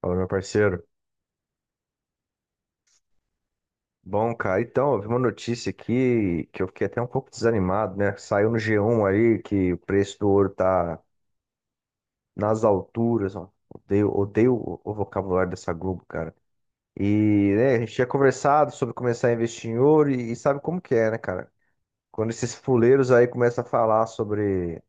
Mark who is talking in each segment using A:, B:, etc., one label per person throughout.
A: Fala, meu parceiro. Bom, cara, então, eu vi uma notícia aqui que eu fiquei até um pouco desanimado, né? Saiu no G1 aí que o preço do ouro tá nas alturas, ó. Odeio, odeio o vocabulário dessa Globo, cara. E, né, a gente tinha conversado sobre começar a investir em ouro e sabe como que é, né, cara? Quando esses fuleiros aí começam a falar sobre,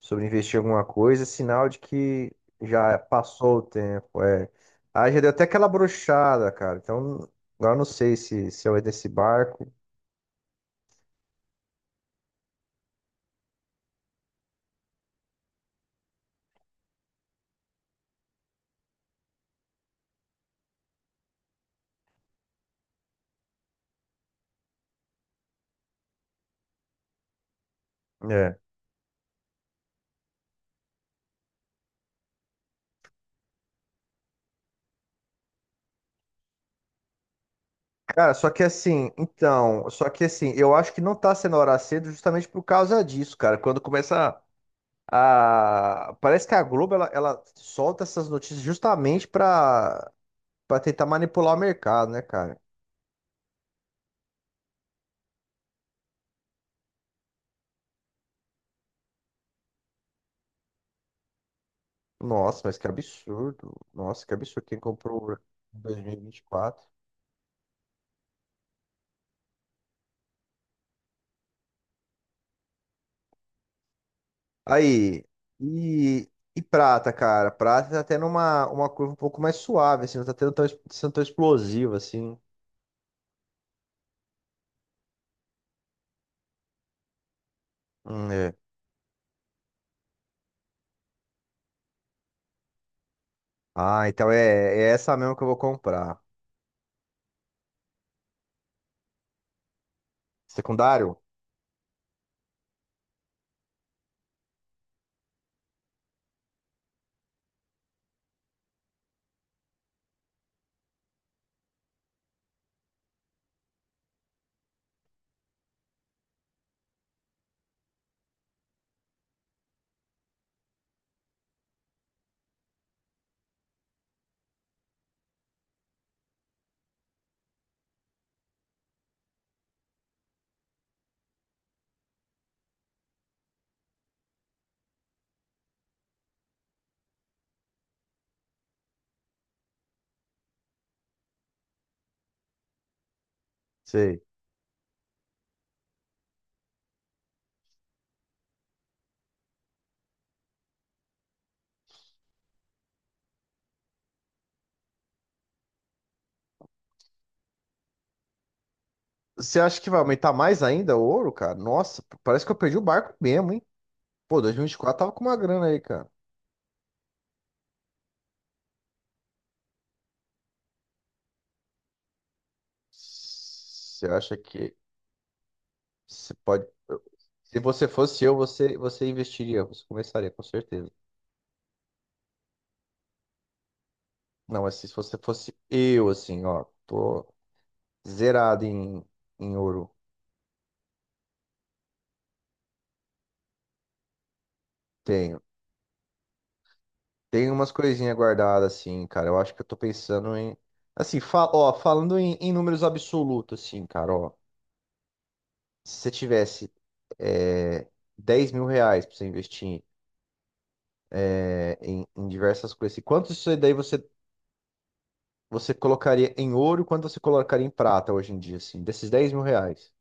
A: sobre investir em alguma coisa, é sinal de que já passou o tempo, é. Aí já deu até aquela brochada, cara. Então, agora eu não sei se eu entro nesse barco. É. Cara, só que assim, eu acho que não tá sendo hora cedo justamente por causa disso, cara. Quando começa a. Parece que a Globo ela solta essas notícias justamente pra tentar manipular o mercado, né, cara? Nossa, mas que absurdo. Nossa, que absurdo. Quem comprou em 2024? Aí, e, e prata, cara? Prata tá tendo uma curva um pouco mais suave, assim, não tá tendo tão, sendo tão explosiva, assim. Hum. É. Ah, então é essa mesmo que eu vou comprar. Secundário? Sei. Você acha que vai aumentar mais ainda o ouro, cara? Nossa, parece que eu perdi o barco mesmo, hein? Pô, 2024 tava com uma grana aí, cara. Você acha que você pode. Se você fosse eu, você investiria, você começaria, com certeza. Não, mas se você fosse eu, assim, ó, tô zerado em ouro. Tenho. Tem umas coisinhas guardadas, assim, cara. Eu acho que eu tô pensando em. Assim, falando em números absolutos, assim, cara, ó. Se você tivesse é, 10 mil reais pra você investir em diversas coisas, assim, quanto isso daí você colocaria em ouro, quanto você colocaria em prata hoje em dia, assim, desses 10 mil reais?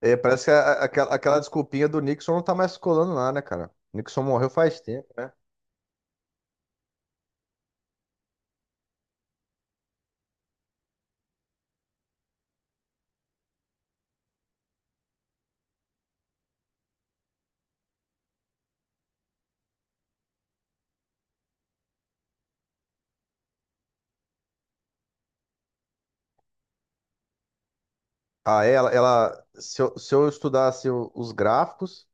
A: É, parece que aquela desculpinha do Nixon não tá mais colando lá, né, cara? Nixon morreu faz tempo, né? Ah, ela, se eu, se eu estudasse os gráficos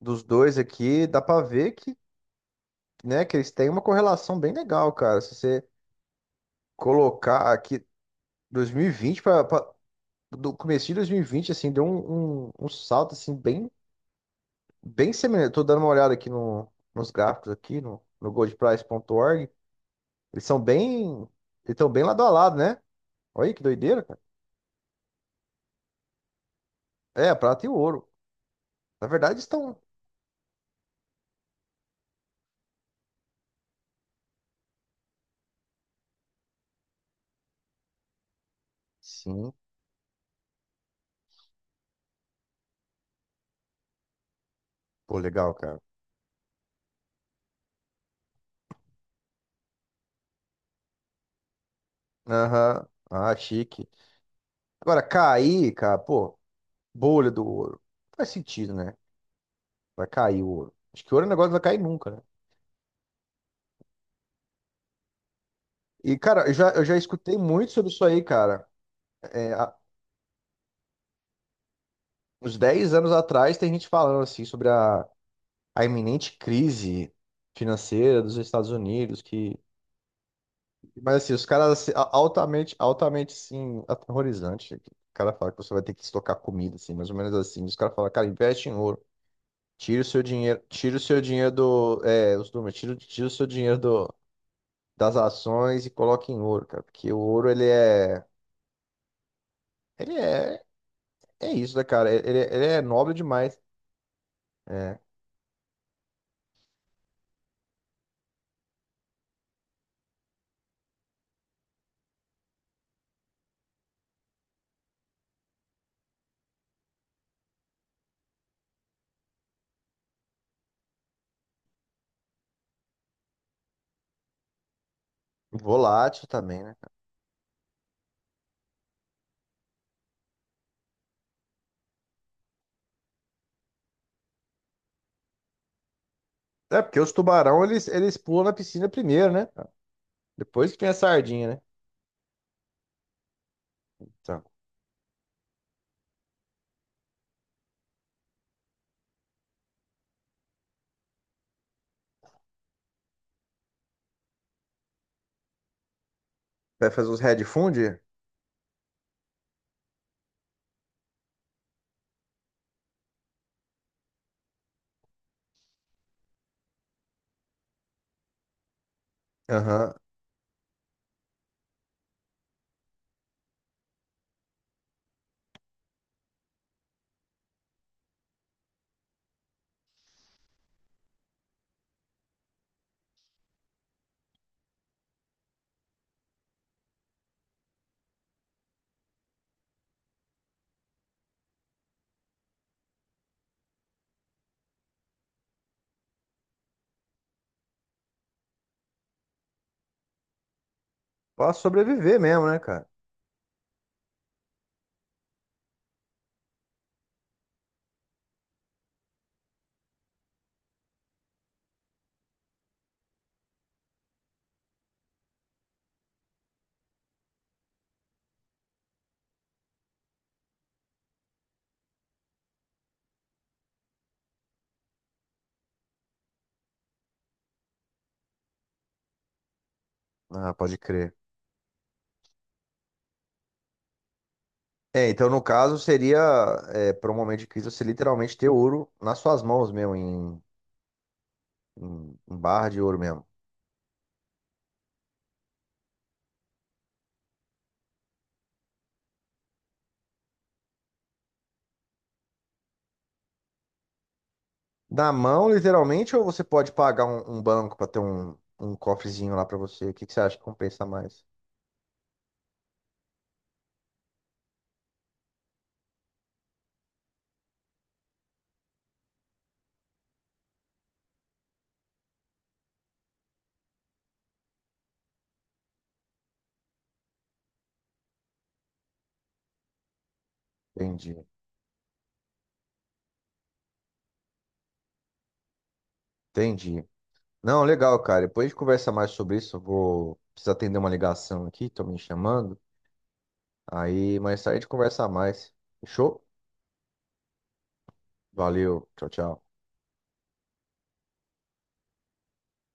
A: dos dois aqui, dá pra ver que, né, que eles têm uma correlação bem legal, cara. Se você colocar aqui 2020 para do começo de 2020, assim, deu um salto assim bem semelhante. Tô dando uma olhada aqui nos gráficos aqui no goldprice.org. Eles são bem Eles estão bem lado a lado, né? Olha aí que doideira, cara. É, a prata e o ouro. Na verdade estão. Sim, pô, legal, cara. Aham. Ah, chique. Agora cair, cara, pô, bolha do ouro. Faz sentido, né? Vai cair o ouro. Acho que ouro é um negócio que vai cair nunca, né? E, cara, eu já escutei muito sobre isso aí, cara. É, há uns 10 anos atrás, tem gente falando, assim, sobre a iminente crise financeira dos Estados Unidos, que. Mas, assim, os caras, assim, altamente, altamente, sim, aterrorizante. O cara fala que você vai ter que estocar comida, assim, mais ou menos assim. Os caras falam, cara, investe em ouro. Tira o seu dinheiro, tira o seu dinheiro do. É, os números, tira, tira o seu dinheiro das ações, e coloque em ouro, cara. Porque o ouro, ele é. Ele é isso, né, cara? Ele é nobre demais. É. Volátil também, né? É, porque os tubarão, eles pulam na piscina primeiro, né? Depois que vem a sardinha, né? Então, vai fazer os headfund? Aham. Pra sobreviver mesmo, né, cara? Ah, pode crer. É, então, no caso seria, para um momento de crise, você literalmente ter ouro nas suas mãos mesmo, em barra de ouro mesmo. Na mão, literalmente, ou você pode pagar um banco pra ter um cofrezinho lá pra você? O que, que você acha que compensa mais? Entendi. Entendi. Não, legal, cara. Depois a gente conversa mais sobre isso. Eu vou precisar atender uma ligação aqui, tô me chamando. Aí mais tarde a gente conversa mais. Fechou? Valeu. Tchau, tchau.